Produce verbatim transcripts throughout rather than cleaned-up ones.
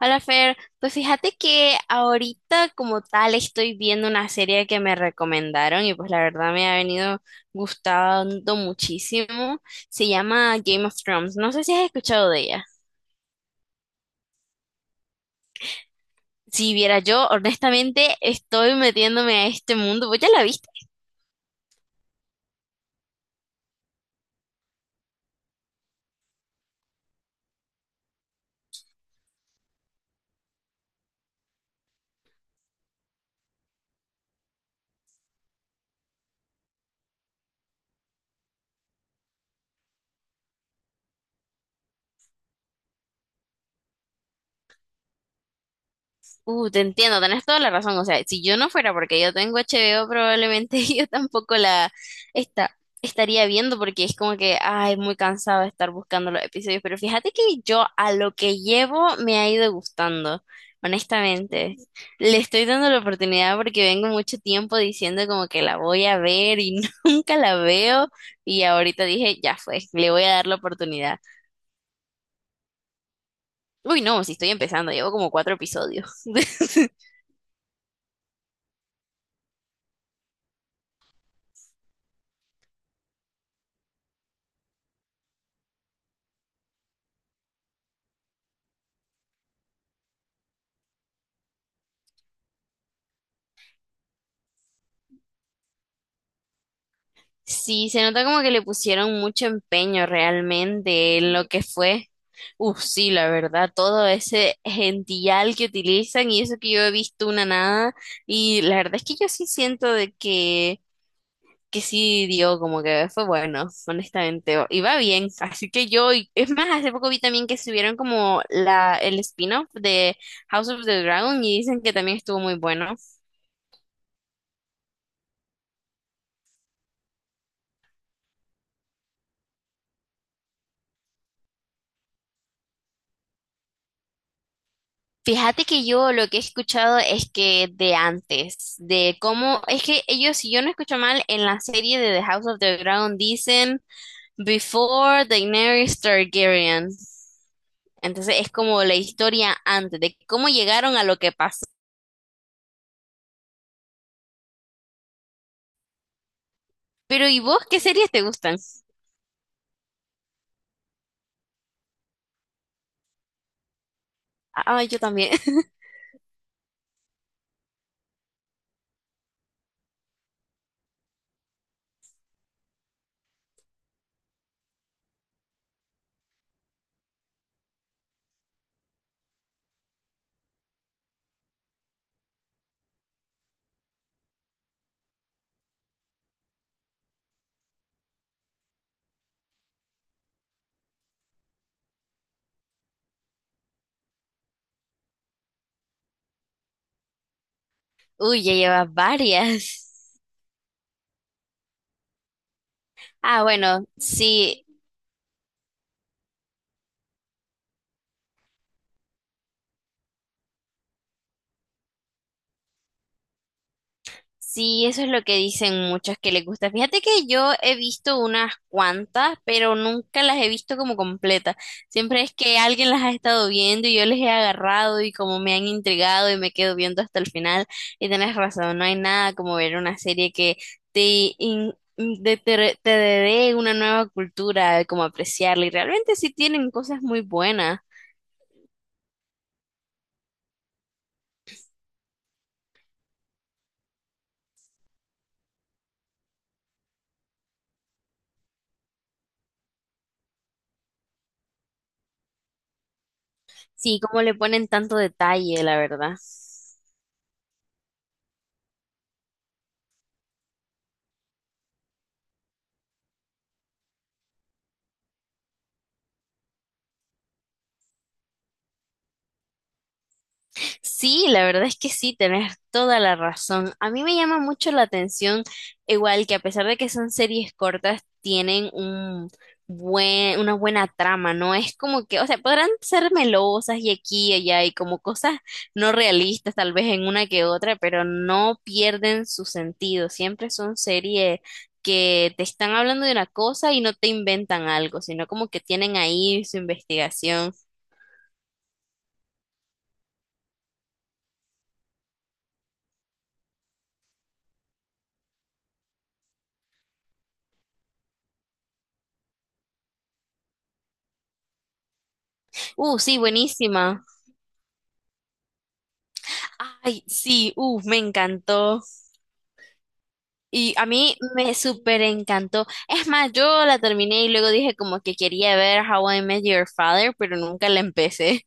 Hola Fer, pues fíjate que ahorita como tal estoy viendo una serie que me recomendaron y pues la verdad me ha venido gustando muchísimo. Se llama Game of Thrones. No sé si has escuchado de ella. Si viera yo, honestamente estoy metiéndome a este mundo. ¿Vos ya la viste? Uh, te entiendo, tenés toda la razón. O sea, si yo no fuera porque yo tengo H B O, probablemente yo tampoco la esta- estaría viendo porque es como que, ay, muy cansado de estar buscando los episodios. Pero fíjate que yo a lo que llevo me ha ido gustando, honestamente. Le estoy dando la oportunidad porque vengo mucho tiempo diciendo como que la voy a ver y nunca la veo. Y ahorita dije, ya fue, le voy a dar la oportunidad. Uy, no, si estoy empezando, llevo como cuatro episodios. Sí, se nota como que le pusieron mucho empeño realmente en lo que fue. Uf, sí, la verdad, todo ese gentillal que utilizan y eso que yo he visto una nada. Y la verdad es que yo sí siento de que, que sí dio, como que fue bueno, honestamente. o- Y va bien, así que yo, y- es más, hace poco vi también que subieron como la, el spin-off de House of the Dragon y dicen que también estuvo muy bueno. Fíjate que yo lo que he escuchado es que de antes, de cómo, es que ellos, si yo no escucho mal, en la serie de The House of the Dragon dicen Before Daenerys Targaryen. Entonces es como la historia antes, de cómo llegaron a lo que pasó. Pero ¿y vos qué series te gustan? Ah, yo también. Uy, ya llevas varias. Ah, bueno, sí. Sí, eso es lo que dicen muchas que les gusta. Fíjate que yo he visto unas cuantas, pero nunca las he visto como completas. Siempre es que alguien las ha estado viendo y yo les he agarrado y como me han intrigado y me quedo viendo hasta el final. Y tenés razón, no hay nada como ver una serie que te, in- de- te, te dé una nueva cultura, como apreciarla. Y realmente sí tienen cosas muy buenas. Sí, como le ponen tanto detalle, la verdad. Sí, la verdad es que sí, tenés toda la razón. A mí me llama mucho la atención, igual que a pesar de que son series cortas, tienen un buen, una buena trama, ¿no? Es como que, o sea, podrán ser melosas y aquí y allá y como cosas no realistas, tal vez en una que otra, pero no pierden su sentido. Siempre son series que te están hablando de una cosa y no te inventan algo, sino como que tienen ahí su investigación. Uh, sí, buenísima. Ay, sí, uh, me encantó. Y a mí me súper encantó. Es más, yo la terminé y luego dije como que quería ver How I Met Your Father, pero nunca la empecé.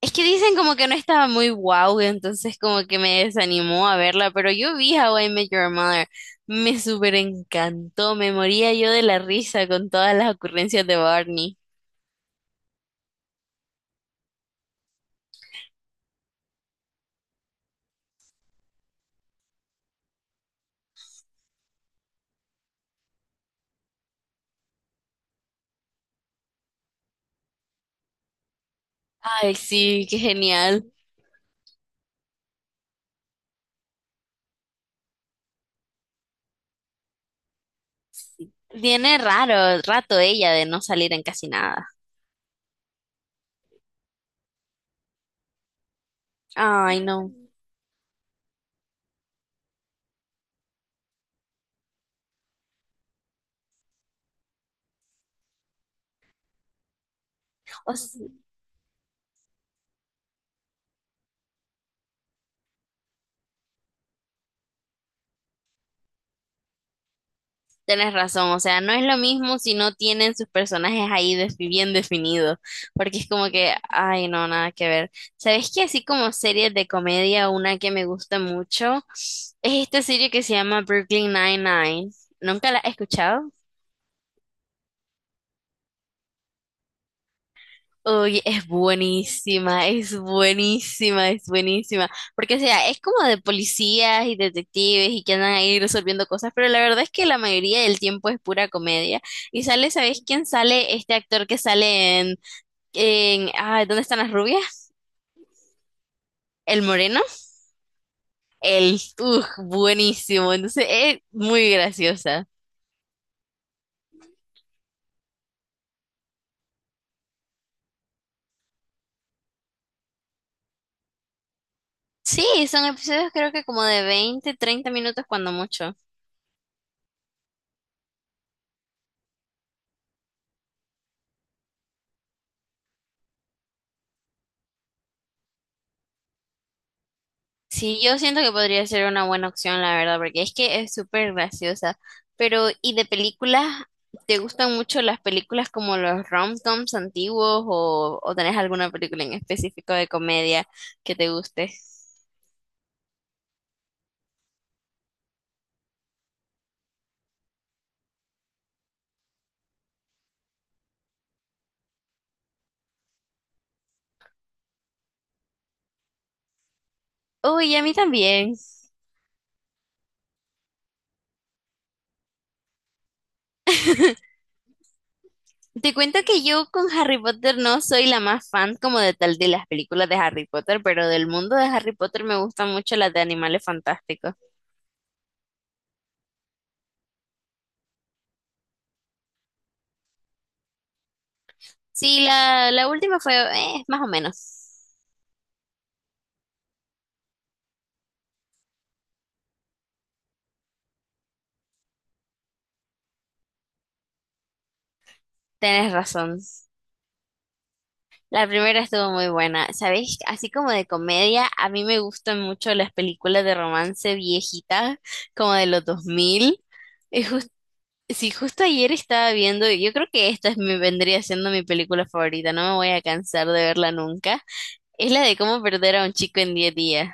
Es que dicen como que no estaba muy guau, entonces como que me desanimó a verla, pero yo vi How I Met Your Mother. Me súper encantó, me moría yo de la risa con todas las ocurrencias de Barney. Ay, sí, qué genial. Tiene raro rato ella de no salir en casi nada. Ay, no. Tenés razón, o sea, no es lo mismo si no tienen sus personajes ahí des- bien definidos, porque es como que, ay, no, nada que ver. ¿Sabes qué? Así como series de comedia, una que me gusta mucho es esta serie que se llama Brooklyn Nine-Nine. ¿Nunca la has escuchado? Uy, es buenísima, es buenísima, es buenísima. Porque, o sea, es como de policías y detectives y que andan ahí resolviendo cosas, pero la verdad es que la mayoría del tiempo es pura comedia. Y sale, ¿sabes quién sale? Este actor que sale en, en, ah, ¿dónde están las rubias? El moreno. El, uff, buenísimo. Entonces, es muy graciosa. Sí, son episodios creo que como de veinte treinta minutos cuando mucho. Sí, yo siento que podría ser una buena opción, la verdad, porque es que es súper graciosa. Pero, ¿y de películas? ¿Te gustan mucho las películas como los rom-coms antiguos o, o tenés alguna película en específico de comedia que te guste? Uy, a mí también. Te cuento que yo con Harry Potter no soy la más fan como de tal de las películas de Harry Potter, pero del mundo de Harry Potter me gustan mucho las de Animales Fantásticos. Sí, la, la última fue eh, más o menos. Tenés razón. La primera estuvo muy buena. ¿Sabéis? Así como de comedia, a mí me gustan mucho las películas de romance viejitas, como de los dos mil. Y jus- sí, justo ayer estaba viendo, yo creo que esta es mi, vendría siendo mi película favorita, no me voy a cansar de verla nunca. Es la de cómo perder a un chico en diez días.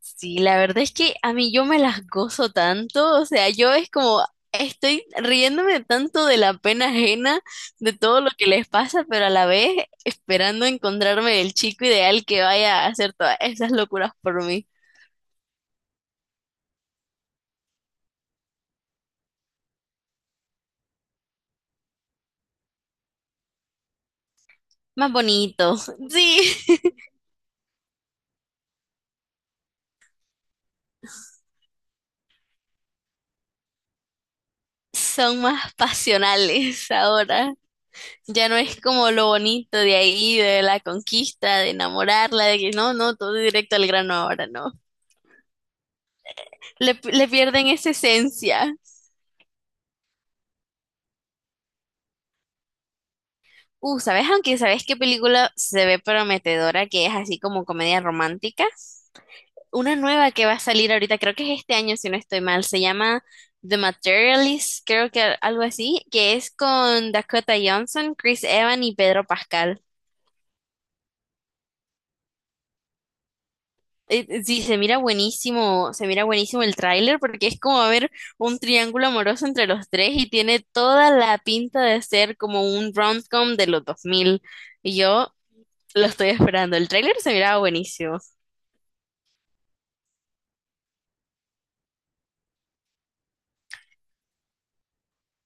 Sí, la verdad es que a mí yo me las gozo tanto, o sea, yo es como estoy riéndome tanto de la pena ajena, de todo lo que les pasa, pero a la vez esperando encontrarme el chico ideal que vaya a hacer todas esas locuras por mí. Más bonitos, sí, son más pasionales ahora. Ya no es como lo bonito de ahí, de la conquista, de enamorarla, de que no, no, todo directo al grano ahora, no. Le, le pierden esa esencia. Uh, ¿sabes? Aunque ¿sabes qué película se ve prometedora que es así como comedia romántica? Una nueva que va a salir ahorita, creo que es este año si no estoy mal, se llama The Materialist, creo que algo así, que es con Dakota Johnson, Chris Evans y Pedro Pascal. Eh, eh, Sí, se mira buenísimo, se mira buenísimo el tráiler porque es como ver un triángulo amoroso entre los tres y tiene toda la pinta de ser como un rom-com de los dos mil. Y yo lo estoy esperando. El tráiler se miraba buenísimo.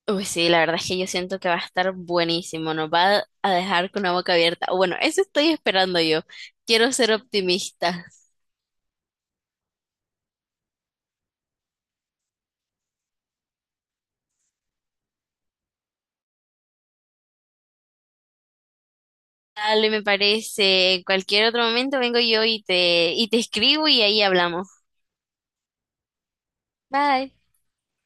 Uy, sí, la verdad es que yo siento que va a estar buenísimo, nos va a dejar con la boca abierta. O bueno, eso estoy esperando yo. Quiero ser optimista. Dale, me parece. En cualquier otro momento vengo yo y te, y te escribo y ahí hablamos. Bye.